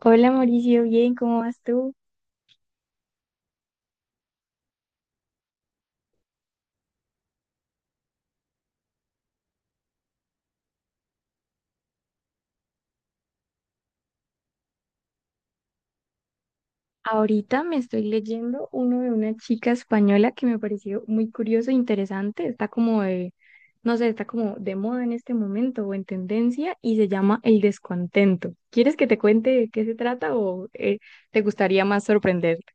Hola Mauricio, bien, ¿cómo vas tú? Ahorita me estoy leyendo uno de una chica española que me pareció muy curioso e interesante. Está como de, no sé, está como de moda en este momento o en tendencia y se llama El descontento. ¿Quieres que te cuente de qué se trata o te gustaría más sorprenderte?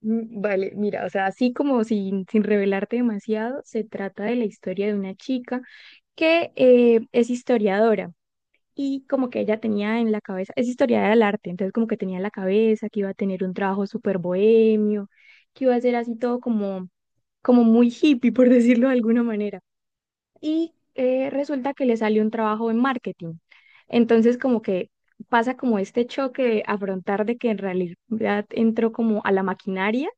Mm, vale, mira, o sea, así como sin revelarte demasiado, se trata de la historia de una chica que es historiadora. Y como que ella tenía en la cabeza, es historiadora del arte, entonces como que tenía en la cabeza que iba a tener un trabajo súper bohemio, que iba a ser así todo como, como muy hippie, por decirlo de alguna manera y resulta que le salió un trabajo en marketing. Entonces, como que pasa como este choque de afrontar de que en realidad entró como a la maquinaria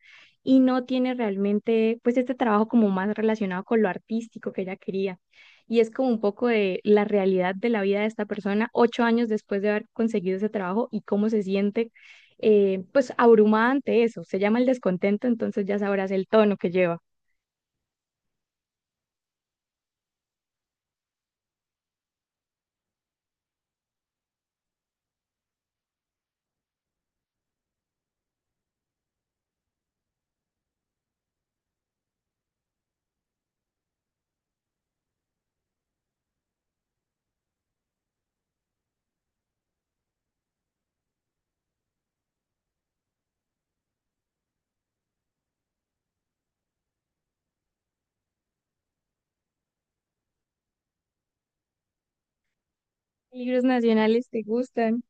y no tiene realmente pues este trabajo como más relacionado con lo artístico que ella quería. Y es como un poco de la realidad de la vida de esta persona 8 años después de haber conseguido ese trabajo y cómo se siente, pues abrumada ante eso. Se llama el descontento, entonces ya sabrás el tono que lleva. ¿Libros nacionales te gustan?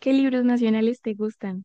¿Qué libros nacionales te gustan?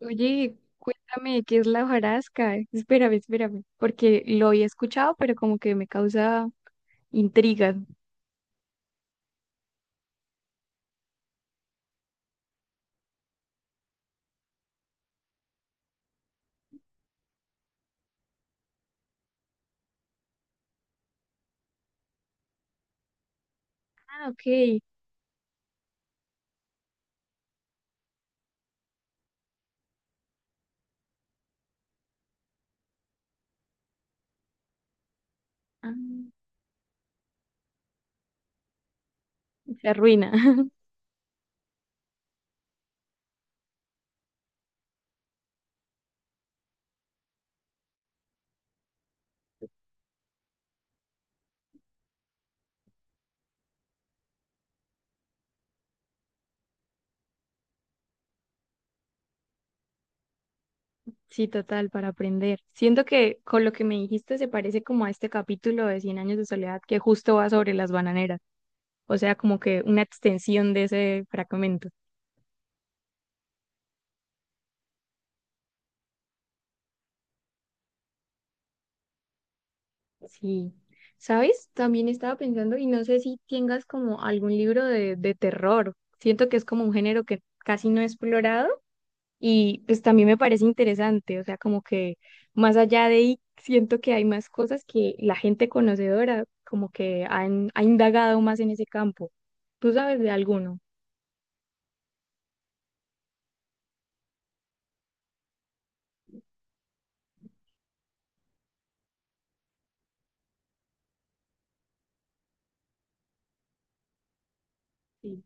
Oye, cuéntame qué es la hojarasca. Espérame, porque lo había escuchado, pero como que me causa intriga. Ah, ok. Ah, se arruina. Sí, total, para aprender. Siento que con lo que me dijiste se parece como a este capítulo de Cien años de soledad que justo va sobre las bananeras, o sea, como que una extensión de ese fragmento. Sí, ¿sabes? También estaba pensando y no sé si tengas como algún libro de terror. Siento que es como un género que casi no he explorado y pues también me parece interesante, o sea, como que más allá de ahí siento que hay más cosas que la gente conocedora como que ha indagado más en ese campo. ¿Tú sabes de alguno? Sí.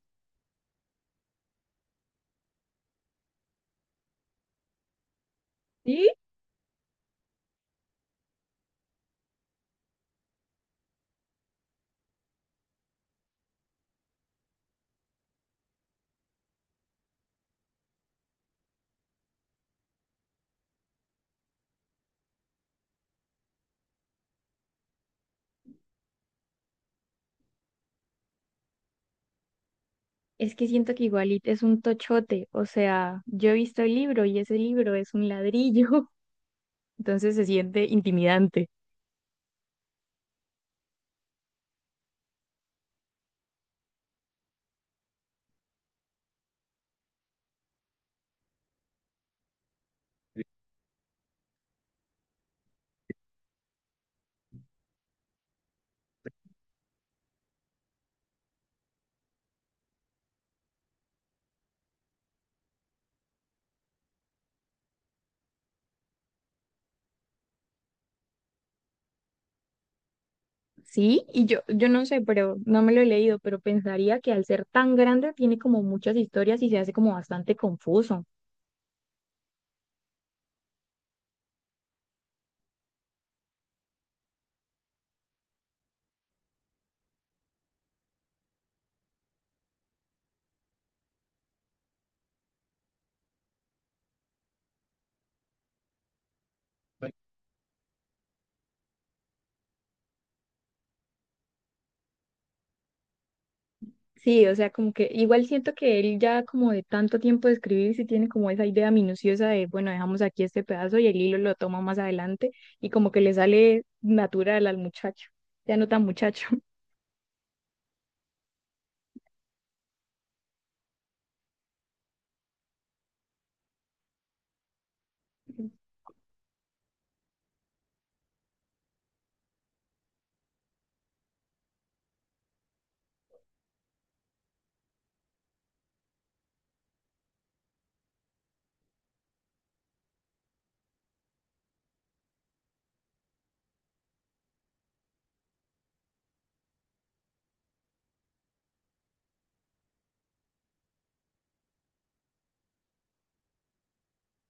¿Sí? Es que siento que igualito es un tochote, o sea, yo he visto el libro y ese libro es un ladrillo, entonces se siente intimidante. Sí, y yo no sé, pero no me lo he leído, pero pensaría que al ser tan grande tiene como muchas historias y se hace como bastante confuso. Sí, o sea, como que igual siento que él ya como de tanto tiempo de escribir, sí tiene como esa idea minuciosa de, bueno, dejamos aquí este pedazo y el hilo lo toma más adelante y como que le sale natural al muchacho, ya no tan muchacho.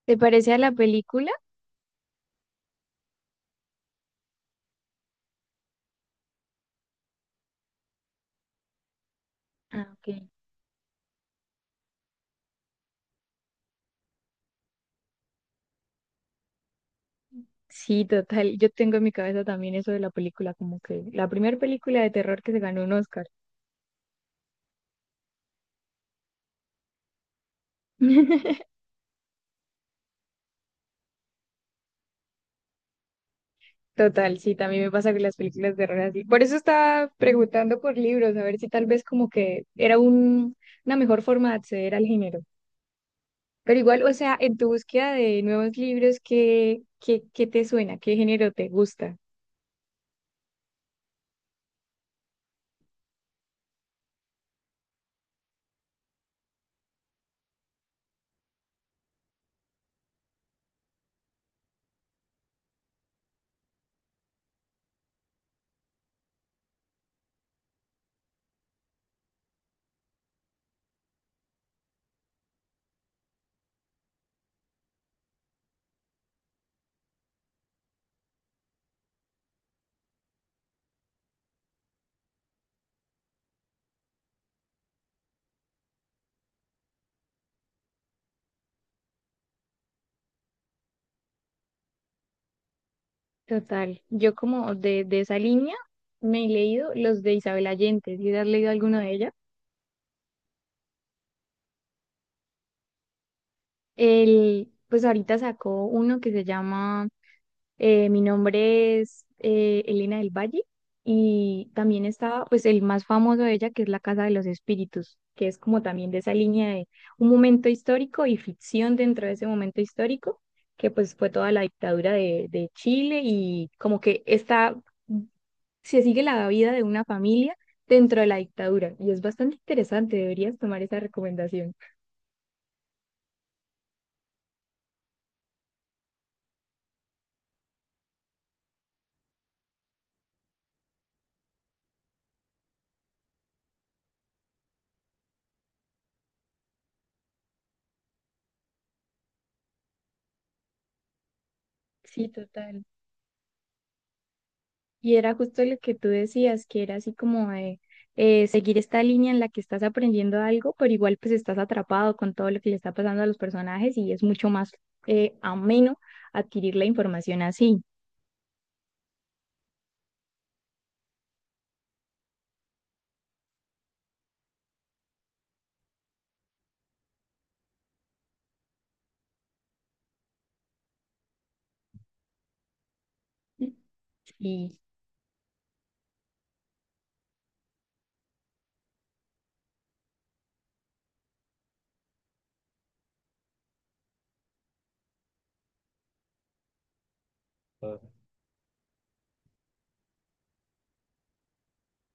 ¿Te parece a la película? Ah, ok. Sí, total. Yo tengo en mi cabeza también eso de la película, como que la primera película de terror que se ganó un Oscar. Total, sí, también me pasa con las películas de horror así. Por eso estaba preguntando por libros, a ver si tal vez como que era un, una mejor forma de acceder al género. Pero igual, o sea, en tu búsqueda de nuevos libros, ¿qué te suena? ¿Qué género te gusta? Total, yo como de esa línea me he leído los de Isabel Allende, ¿si has leído alguno de ella? El, pues ahorita sacó uno que se llama, mi nombre es Elena del Valle, y también está pues el más famoso de ella que es La Casa de los Espíritus, que es como también de esa línea de un momento histórico y ficción dentro de ese momento histórico, que pues fue toda la dictadura de Chile y como que está, se sigue la vida de una familia dentro de la dictadura y es bastante interesante, deberías tomar esa recomendación. Sí, total. Y era justo lo que tú decías, que era así como de, seguir esta línea en la que estás aprendiendo algo, pero igual pues estás atrapado con todo lo que le está pasando a los personajes y es mucho más ameno adquirir la información así. Sí,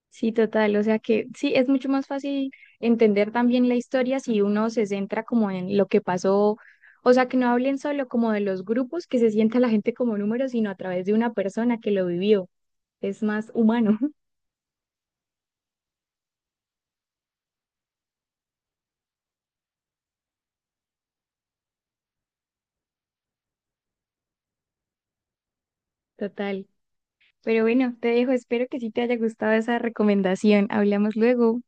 sí, total. O sea que sí, es mucho más fácil entender también la historia si uno se centra como en lo que pasó. O sea, que no hablen solo como de los grupos, que se sienta la gente como números sino a través de una persona que lo vivió. Es más humano, total. Pero bueno, te dejo, espero que sí te haya gustado esa recomendación. Hablamos luego.